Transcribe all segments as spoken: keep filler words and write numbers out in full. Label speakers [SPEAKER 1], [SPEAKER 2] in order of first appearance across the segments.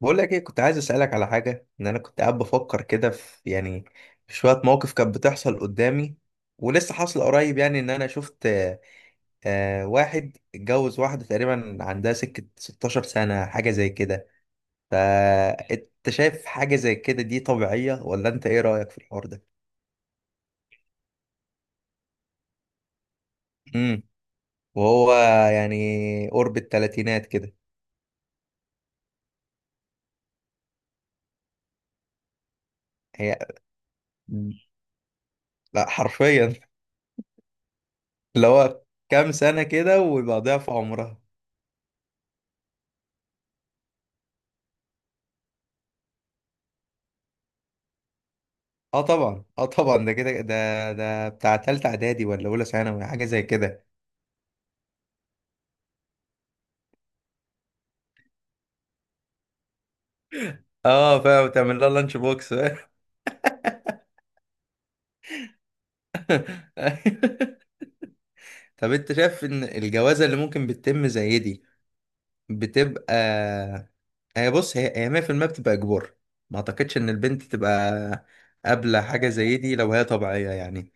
[SPEAKER 1] بقول لك ايه، كنت عايز اسالك على حاجه. ان انا كنت قاعد بفكر كده في، يعني، في شويه مواقف كانت بتحصل قدامي، ولسه حاصل قريب. يعني ان انا شفت، آه، آه، واحد اتجوز واحده تقريبا عندها سكه ستاشر سنه، حاجه زي كده. فانت شايف حاجه زي كده دي طبيعيه، ولا انت ايه رايك في الحوار ده؟ امم. وهو، يعني، قرب الثلاثينات كده. هي؟ لا، حرفيا. اللي هو كام سنه كده ويبقى ضعف عمرها. اه طبعا، اه طبعا، ده كده، ده ده بتاع تالتة اعدادي ولا اولى ثانوي، حاجه زي كده. اه فاهم، تعمل لها لانش بوكس. طب، انت شايف ان الجوازه اللي ممكن بتتم زي دي بتبقى، هي بص، هي هي مية في المية بتبقى اجبار. ما اعتقدش ان البنت تبقى قابله حاجه زي دي لو هي طبيعيه، يعني.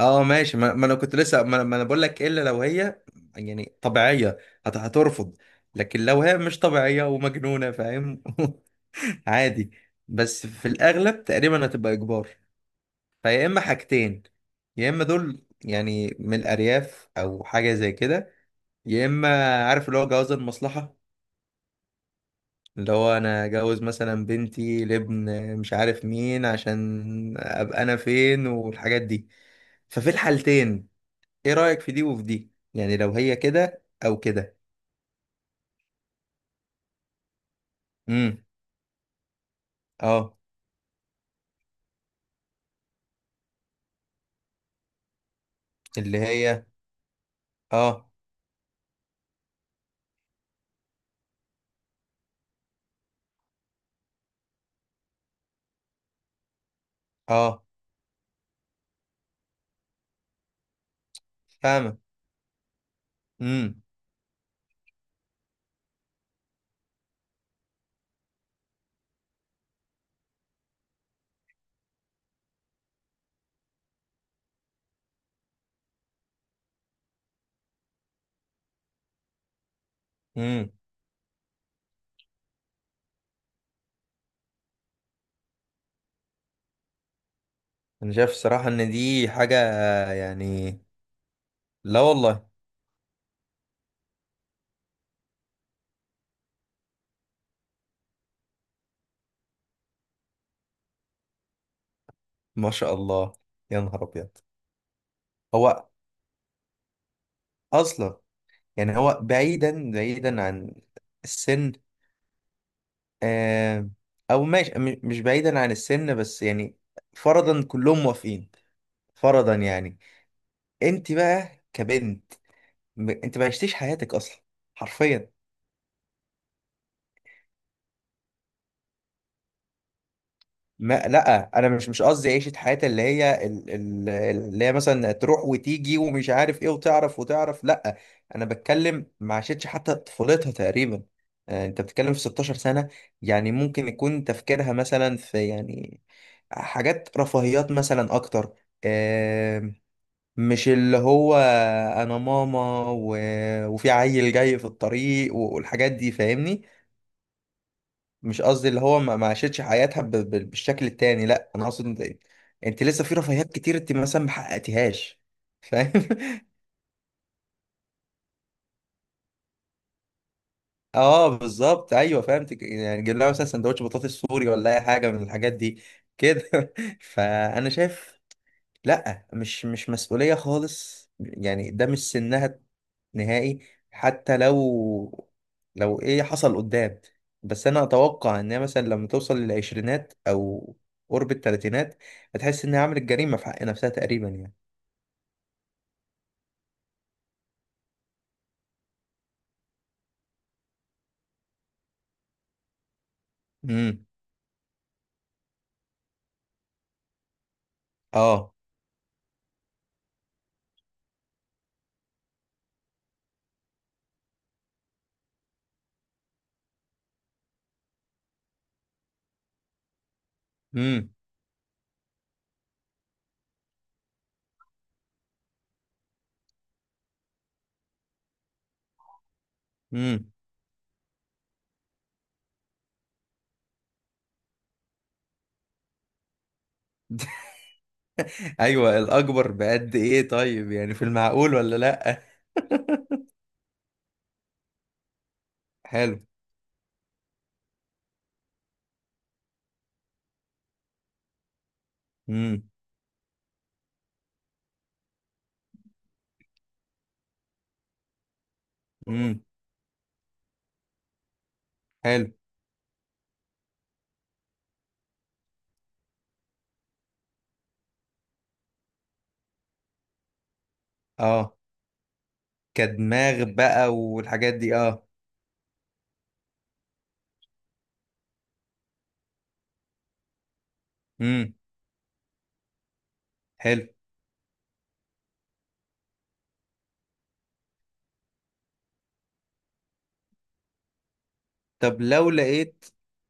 [SPEAKER 1] اه ماشي. ما, ما انا كنت لسه، ما, ما انا بقول لك الا لو هي، يعني، طبيعيه. هت- هترفض. لكن لو هي مش طبيعيه ومجنونه، فاهم. عادي. بس في الأغلب تقريبا هتبقى إجبار. فيا إما حاجتين: يا إما دول، يعني، من الأرياف أو حاجة زي كده، يا إما، عارف، اللي هو جواز المصلحة، اللي هو أنا أجوز مثلا بنتي لابن مش عارف مين، عشان أبقى أنا فين، والحاجات دي. ففي الحالتين، إيه رأيك في دي وفي دي، يعني لو هي كده أو كده؟ امم. اه. اللي هي. اه، اه. فاهمة. امم، امم. انا شايف الصراحة ان دي حاجة، يعني، لا والله. ما شاء الله. يا نهار ابيض. هو اصلا، يعني، هو بعيدا بعيدا عن السن. آه. او ماشي، م- مش بعيدا عن السن، بس يعني، فرضا كلهم موافقين، فرضا يعني. انت بقى كبنت، م- انت ما عشتيش حياتك اصلا، حرفيا. ما لا، انا مش مش قصدي عيشه حياه اللي هي، ال- ال- اللي هي مثلا تروح وتيجي ومش عارف ايه، وتعرف وتعرف، لا. انا بتكلم ما عاشتش حتى طفولتها تقريبا. آه، انت بتتكلم في ستاشر سنه. يعني ممكن يكون تفكيرها مثلا في، يعني، حاجات رفاهيات مثلا اكتر. آه، مش اللي هو انا ماما، و- وفي عيل جاي في الطريق والحاجات دي، فاهمني. مش قصدي اللي هو ما ما عاشتش حياتها ب- ب- بالشكل التاني. لا، انا اقصد انت انت لسه في رفاهيات كتير انت مثلا ما حققتيهاش، فاهم. اه بالظبط، ايوه فهمت. يعني جيب لها مثلا سندوتش بطاطس سوري ولا اي حاجه من الحاجات دي، كده. فانا شايف، لا، مش مش مسؤولية خالص، يعني ده مش سنها نهائي. حتى لو لو ايه حصل قدام. بس انا اتوقع ان هي مثلا لما توصل للعشرينات او قرب التلاتينات، هتحس انها عملت جريمة في حق نفسها تقريبا، يعني. امم. اه. امم، امم. ايوه. الاكبر بقد ايه طيب، يعني في المعقول ولا لا؟ حلو. امم، امم. حلو، اه، كدماغ بقى والحاجات دي، اه. امم. حلو. طب لو لقيت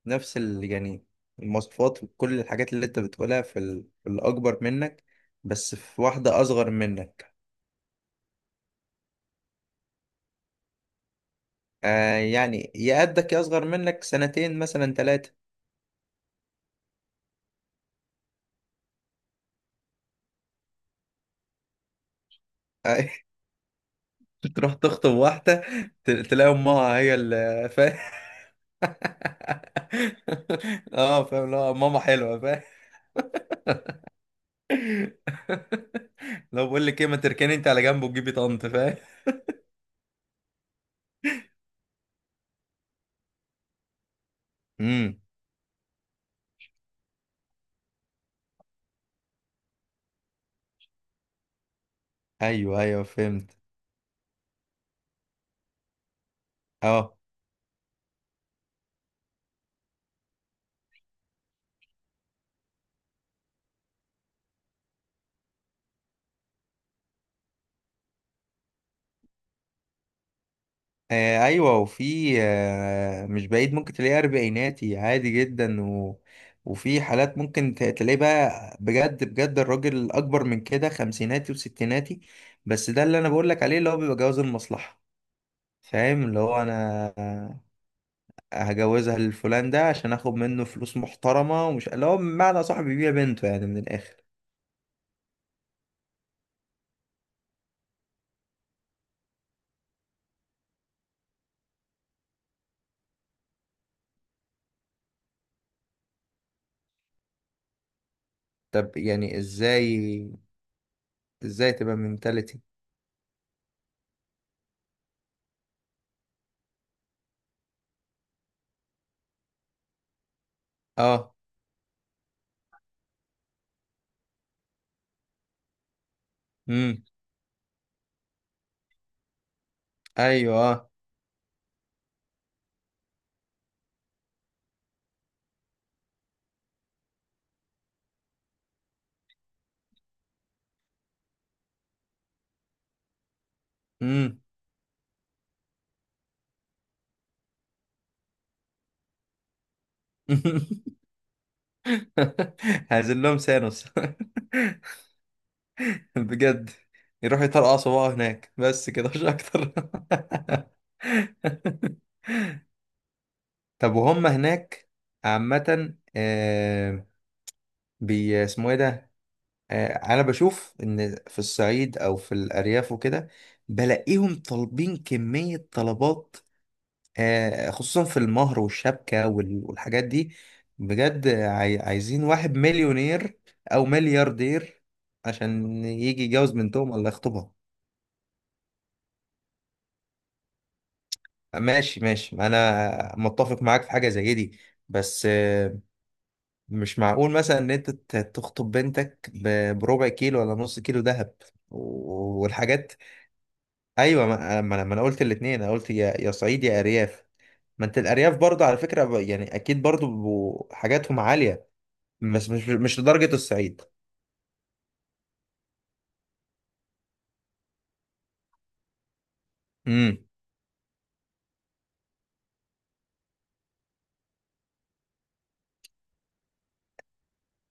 [SPEAKER 1] نفس، ال... يعني، المواصفات وكل الحاجات اللي انت بتقولها في, ال... في الأكبر منك، بس في واحدة أصغر منك. آه، يعني، يا قدك يا أصغر منك سنتين مثلا ثلاثة. آه. تروح تخطب واحدة، ت- تلاقي أمها هي اللي، فاهم. اه فاهم. لا، ماما حلوة، فاهم. لو بقول لك ايه، ما تركني انت على جنب وتجيبي طنط، فاهم. امم. ايوه، ايوه، فهمت. اه. آه، ايوه، وفي آه، مش بعيد ممكن تلاقيه اربعيناتي عادي جدا و... وفي حالات ممكن ت- تلاقيه بقى، بجد بجد، الراجل اكبر من كده، خمسيناتي وستيناتي. بس ده اللي انا بقول لك عليه، اللي هو بيبقى جواز المصلحه. فاهم، اللي هو انا هجوزها للفلان ده عشان اخد منه فلوس محترمه، ومش اللي هو بمعنى صاحبي بيبيع بنته يعني، من الاخر. طب يعني ازاي؟ ازاي تبقى منتاليتي؟ اه. امم. ايوه، اه. امم. هنزل لهم سانوس. بجد. يروحوا يطرقعوا صباعه هناك، بس كده مش اكتر. طب وهم هناك. عامة، آه بي اسمه ايه ده؟ آه انا بشوف ان في الصعيد او في الارياف وكده، بلاقيهم طالبين كمية طلبات. آه، خصوصا في المهر والشبكة وال- والحاجات دي. بجد، عاي- عايزين واحد مليونير أو ملياردير عشان يجي يتجوز بنتهم ولا يخطبها. ماشي، ماشي، أنا متفق معاك في حاجة زي دي. بس آه، مش معقول مثلا إن أنت ت- تخطب بنتك ب- بربع كيلو ولا نص كيلو ذهب و- والحاجات. أيوة، ما ما أنا ما أنا قلت الاتنين، أنا قلت يا يا صعيد يا أرياف. ما أنت الأرياف برضه على فكرة، ب- يعني، أكيد برضه بيبقوا حاجاتهم عالية، بس مش مش لدرجة الصعيد. امم.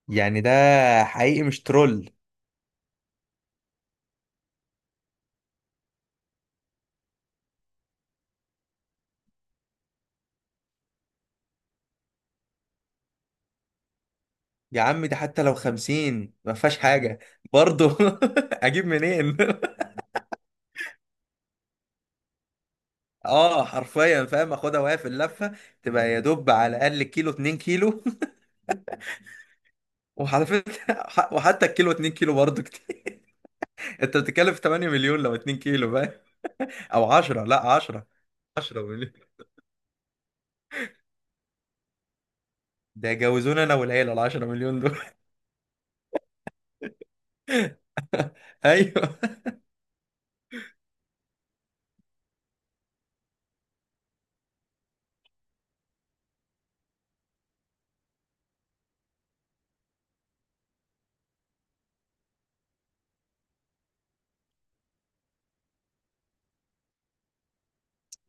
[SPEAKER 1] يعني ده حقيقي مش ترول؟ يا عم ده حتى لو خمسين ما فيهاش حاجة، برضه. اجيب منين؟ اه حرفيا، فاهم، اخدها وهي في اللفة، تبقى يا دوب على الاقل كيلو، اتنين كيلو. وعلى فكرة، ح- وحتى الكيلو اتنين كيلو برضه كتير. انت بتتكلم في تمانية مليون لو اتنين كيلو، فاهم. او عشرة، لا، عشرة عشرة مليون. ده يجوزونا انا والعيلة ال عشرة مليون دول. ايوه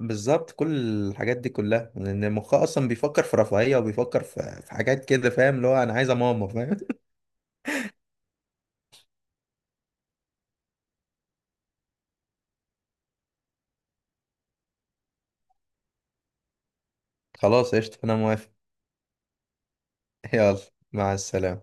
[SPEAKER 1] بالظبط. كل الحاجات دي كلها لان مخها اصلا بيفكر في رفاهيه، وبيفكر في في حاجات كده، فاهم، اللي هو انا عايزه ماما، فاهم. خلاص، قشطه، انا موافق. يلا. مع السلامه.